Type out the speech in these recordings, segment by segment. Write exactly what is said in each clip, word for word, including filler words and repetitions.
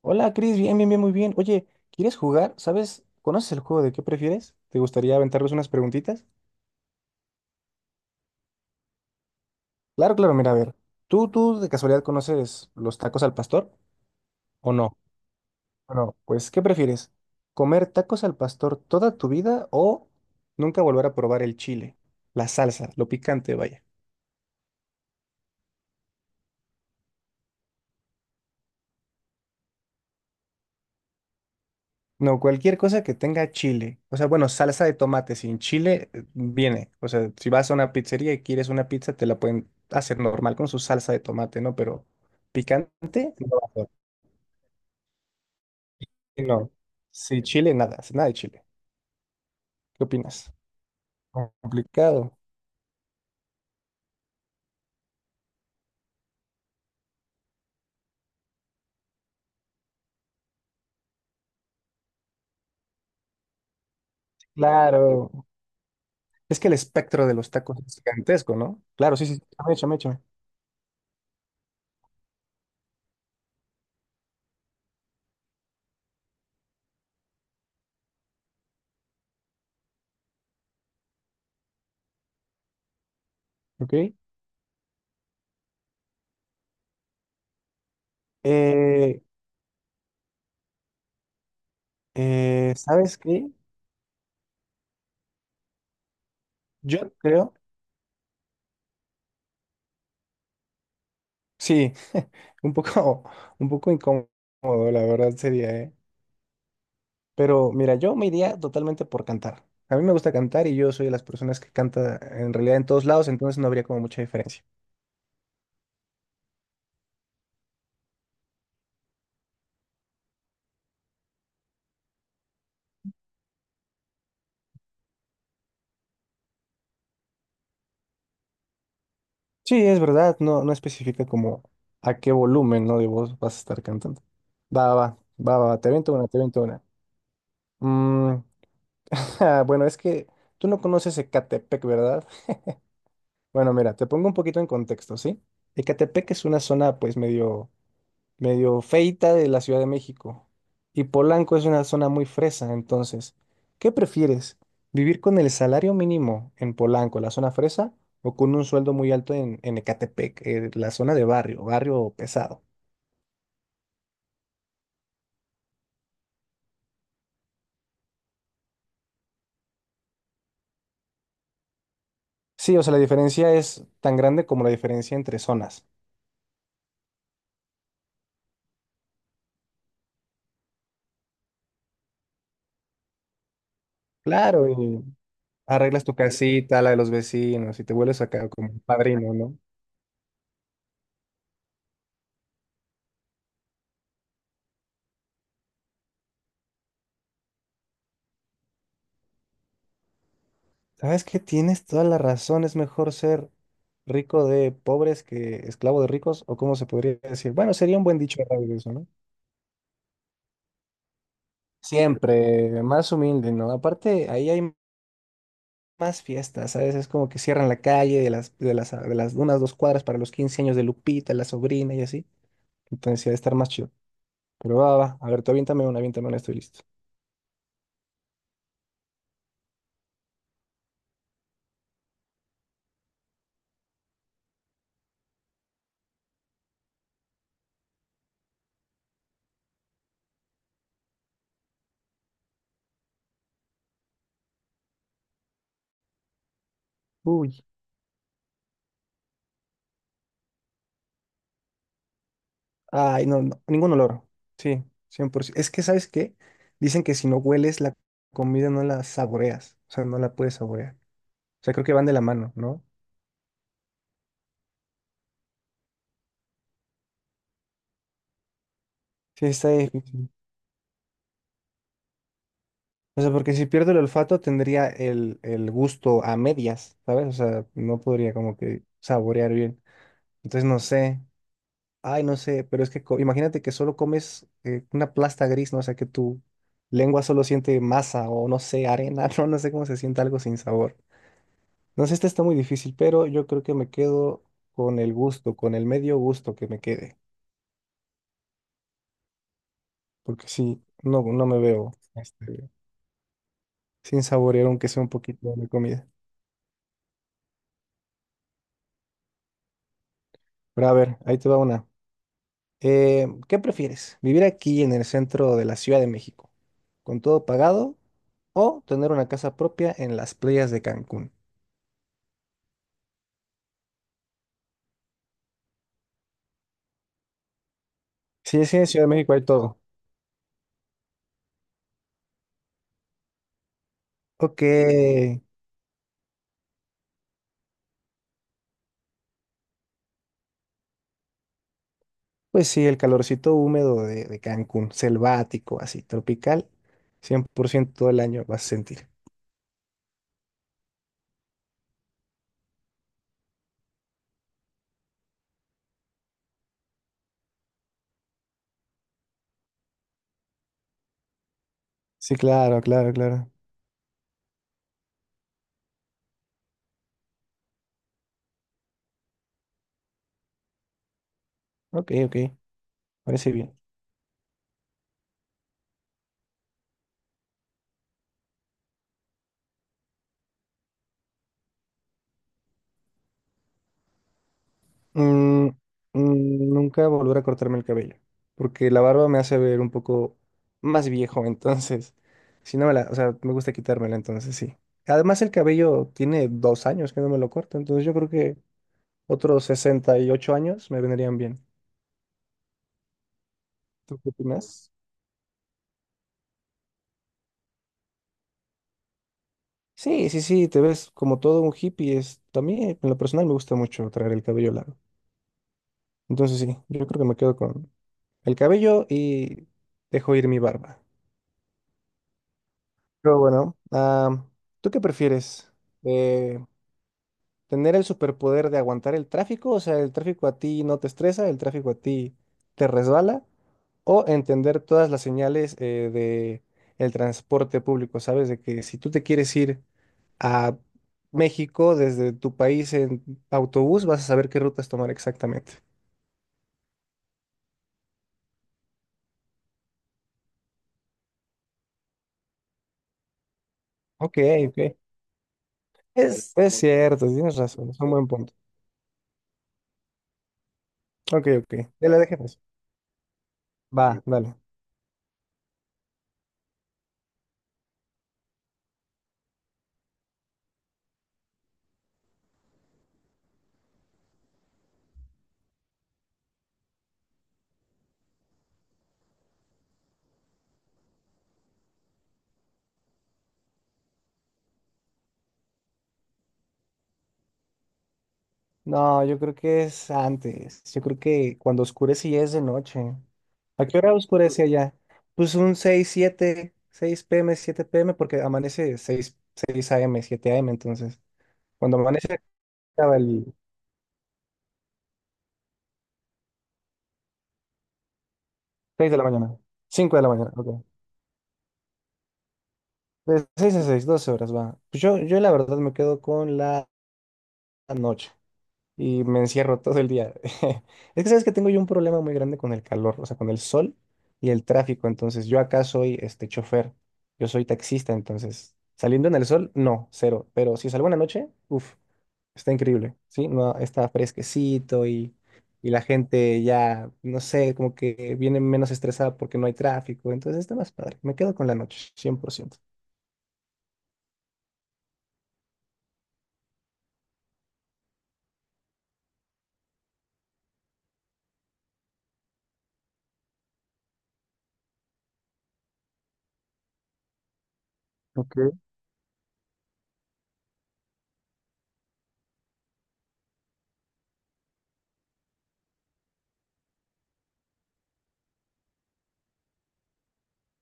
Hola, Cris, bien, bien, bien, muy bien. Oye, ¿quieres jugar? ¿Sabes? ¿Conoces el juego de qué prefieres? ¿Te gustaría aventarles unas preguntitas? Claro, claro, mira, a ver. ¿Tú, tú de casualidad conoces los tacos al pastor o no? Bueno, pues, ¿qué prefieres? ¿Comer tacos al pastor toda tu vida o nunca volver a probar el chile, la salsa, lo picante, vaya? No, cualquier cosa que tenga chile. O sea, bueno, salsa de tomate sin chile eh, viene. O sea, si vas a una pizzería y quieres una pizza, te la pueden hacer normal con su salsa de tomate, ¿no? Pero picante, no va a ser. Sí, no. Sí, chile, nada, nada de chile. ¿Qué opinas? Complicado. Claro. Es que el espectro de los tacos es gigantesco, ¿no? Claro, sí, sí, sí. Échame, échame, échame. Ok. Eh, eh, ¿Sabes qué? Yo creo. Sí, un poco, un poco incómodo, la verdad sería, ¿eh? Pero mira, yo me iría totalmente por cantar. A mí me gusta cantar y yo soy de las personas que canta en realidad en todos lados, entonces no habría como mucha diferencia. Sí, es verdad, no, no especifica como a qué volumen, ¿no?, de voz vas a estar cantando. Va, va, va, va, te avento una, te avento una. Mm, ja, bueno, es que tú no conoces Ecatepec, ¿verdad? Bueno, mira, te pongo un poquito en contexto, ¿sí? Ecatepec es una zona pues medio medio feita de la Ciudad de México. Y Polanco es una zona muy fresa, entonces, ¿qué prefieres? ¿Vivir con el salario mínimo en Polanco, la zona fresa, o con un sueldo muy alto en, en Ecatepec, eh, la zona de barrio, barrio pesado? Sí, o sea, la diferencia es tan grande como la diferencia entre zonas. Claro, y arreglas tu casita, la de los vecinos, y te vuelves acá como un padrino, ¿no? Sabes que tienes toda la razón, es mejor ser rico de pobres que esclavo de ricos, o cómo se podría decir. Bueno, sería un buen dicho de eso, ¿no? Siempre más humilde, ¿no? Aparte, ahí hay más fiestas, ¿sabes? Es como que cierran la calle de las, de las, de las unas dos cuadras para los quince años de Lupita, la sobrina y así. Entonces, sí, ha de estar más chido. Pero va, va, va. A ver, tú aviéntame una, aviéntame una, estoy listo. Uy. Ay, no, no, ningún olor. Sí, cien por ciento. Es que, ¿sabes qué? Dicen que si no hueles la comida no la saboreas, o sea, no la puedes saborear. O sea, creo que van de la mano, ¿no? Sí, está difícil. O sea, porque si pierdo el olfato tendría el, el gusto a medias, ¿sabes? O sea, no podría como que saborear bien. Entonces, no sé. Ay, no sé, pero es que co- imagínate que solo comes eh, una plasta gris, ¿no? O sea, que tu lengua solo siente masa o no sé, arena, no, no sé cómo se siente algo sin sabor. No sé, esta está muy difícil, pero yo creo que me quedo con el gusto, con el medio gusto que me quede, porque sí, no, no me veo este, sin saborear aunque sea un poquito de mi comida. Pero a ver, ahí te va una. Eh, ¿qué prefieres? ¿Vivir aquí en el centro de la Ciudad de México, con todo pagado, o tener una casa propia en las playas de Cancún? Sí, sí, en Ciudad de México hay todo. Ok. Pues sí, el calorcito húmedo de, de Cancún, selvático, así, tropical, cien por ciento todo el año vas a sentir. Sí, claro, claro, claro. Ok, ok, parece bien. Mm, mm, nunca volver a cortarme el cabello, porque la barba me hace ver un poco más viejo, entonces, si no me la, o sea, me gusta quitármela, entonces sí. Además, el cabello tiene dos años que no me lo corto, entonces yo creo que otros sesenta y ocho años me vendrían bien. ¿Tú qué opinas? Sí, sí, sí, te ves como todo un hippie. Es, también, en lo personal, me gusta mucho traer el cabello largo. Entonces, sí, yo creo que me quedo con el cabello y dejo ir mi barba. Pero bueno, ah, ¿tú qué prefieres? Eh, ¿Tener el superpoder de aguantar el tráfico? O sea, el tráfico a ti no te estresa, el tráfico a ti te resbala. ¿O entender todas las señales eh, de el transporte público? ¿Sabes? De que si tú te quieres ir a México desde tu país en autobús, vas a saber qué rutas tomar exactamente. Ok, ok. Es, es cierto, tienes razón, es un buen punto. Ok, ok. Ya la dejé pues. Va, dale. No, yo creo que es antes. Yo creo que cuando oscurece ya es de noche. ¿A qué hora oscurece allá? Pues un seis siete, seis pm, siete pm, porque amanece seis, seis am, siete am, entonces. Cuando amanece acaba el seis de la mañana. Cinco de la mañana, ok. De seis a 6, doce horas va. Pues yo, yo la verdad me quedo con la noche y me encierro todo el día. Es que sabes que tengo yo un problema muy grande con el calor, o sea, con el sol y el tráfico. Entonces, yo acá soy este chofer, yo soy taxista, entonces, saliendo en el sol, no, cero. Pero si salgo en la noche, uff, está increíble, ¿sí? No, está fresquecito y, y la gente ya, no sé, como que viene menos estresada porque no hay tráfico. Entonces, está más padre. Me quedo con la noche, cien por ciento.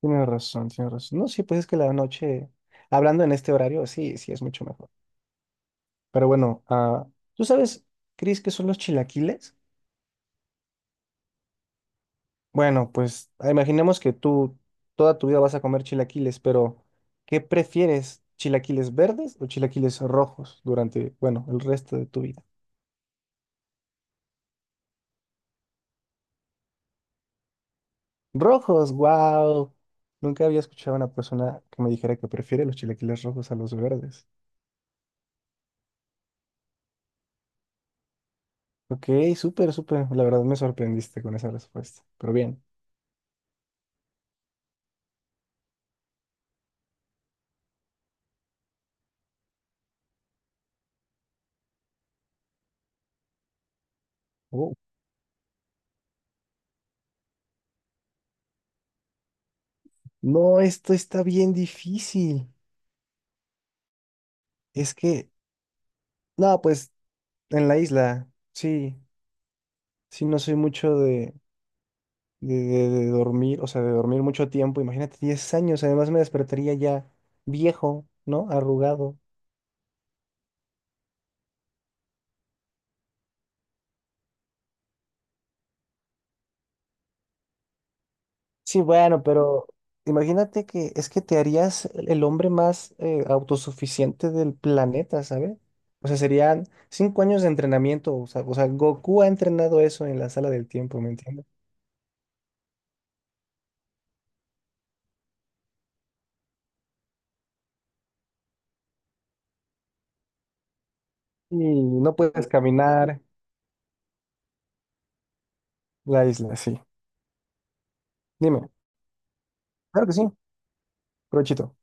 Tienes razón, tienes razón. No, sí, pues es que la noche, hablando en este horario, sí, sí, es mucho mejor. Pero bueno, ah, ¿tú sabes, Cris, qué son los chilaquiles? Bueno, pues ah, imaginemos que tú toda tu vida vas a comer chilaquiles, pero ¿qué prefieres? ¿Chilaquiles verdes o chilaquiles rojos durante, bueno, el resto de tu vida? Rojos, wow. Nunca había escuchado a una persona que me dijera que prefiere los chilaquiles rojos a los verdes. Ok, súper, súper. La verdad me sorprendiste con esa respuesta. Pero bien. No, esto está bien difícil. Es que, no, pues en la isla, sí, sí, no soy mucho de, de, de- de dormir, o sea, de dormir mucho tiempo. Imagínate, diez años, además me despertaría ya viejo, ¿no? Arrugado. Sí, bueno, pero imagínate que es que te harías el el hombre más eh, autosuficiente del planeta, ¿sabes? O sea, serían cinco años de entrenamiento, o sea, o sea, Goku ha entrenado eso en la sala del tiempo, ¿me entiendes? Y no puedes caminar. La isla, sí. Dime. Claro que sí, provechito.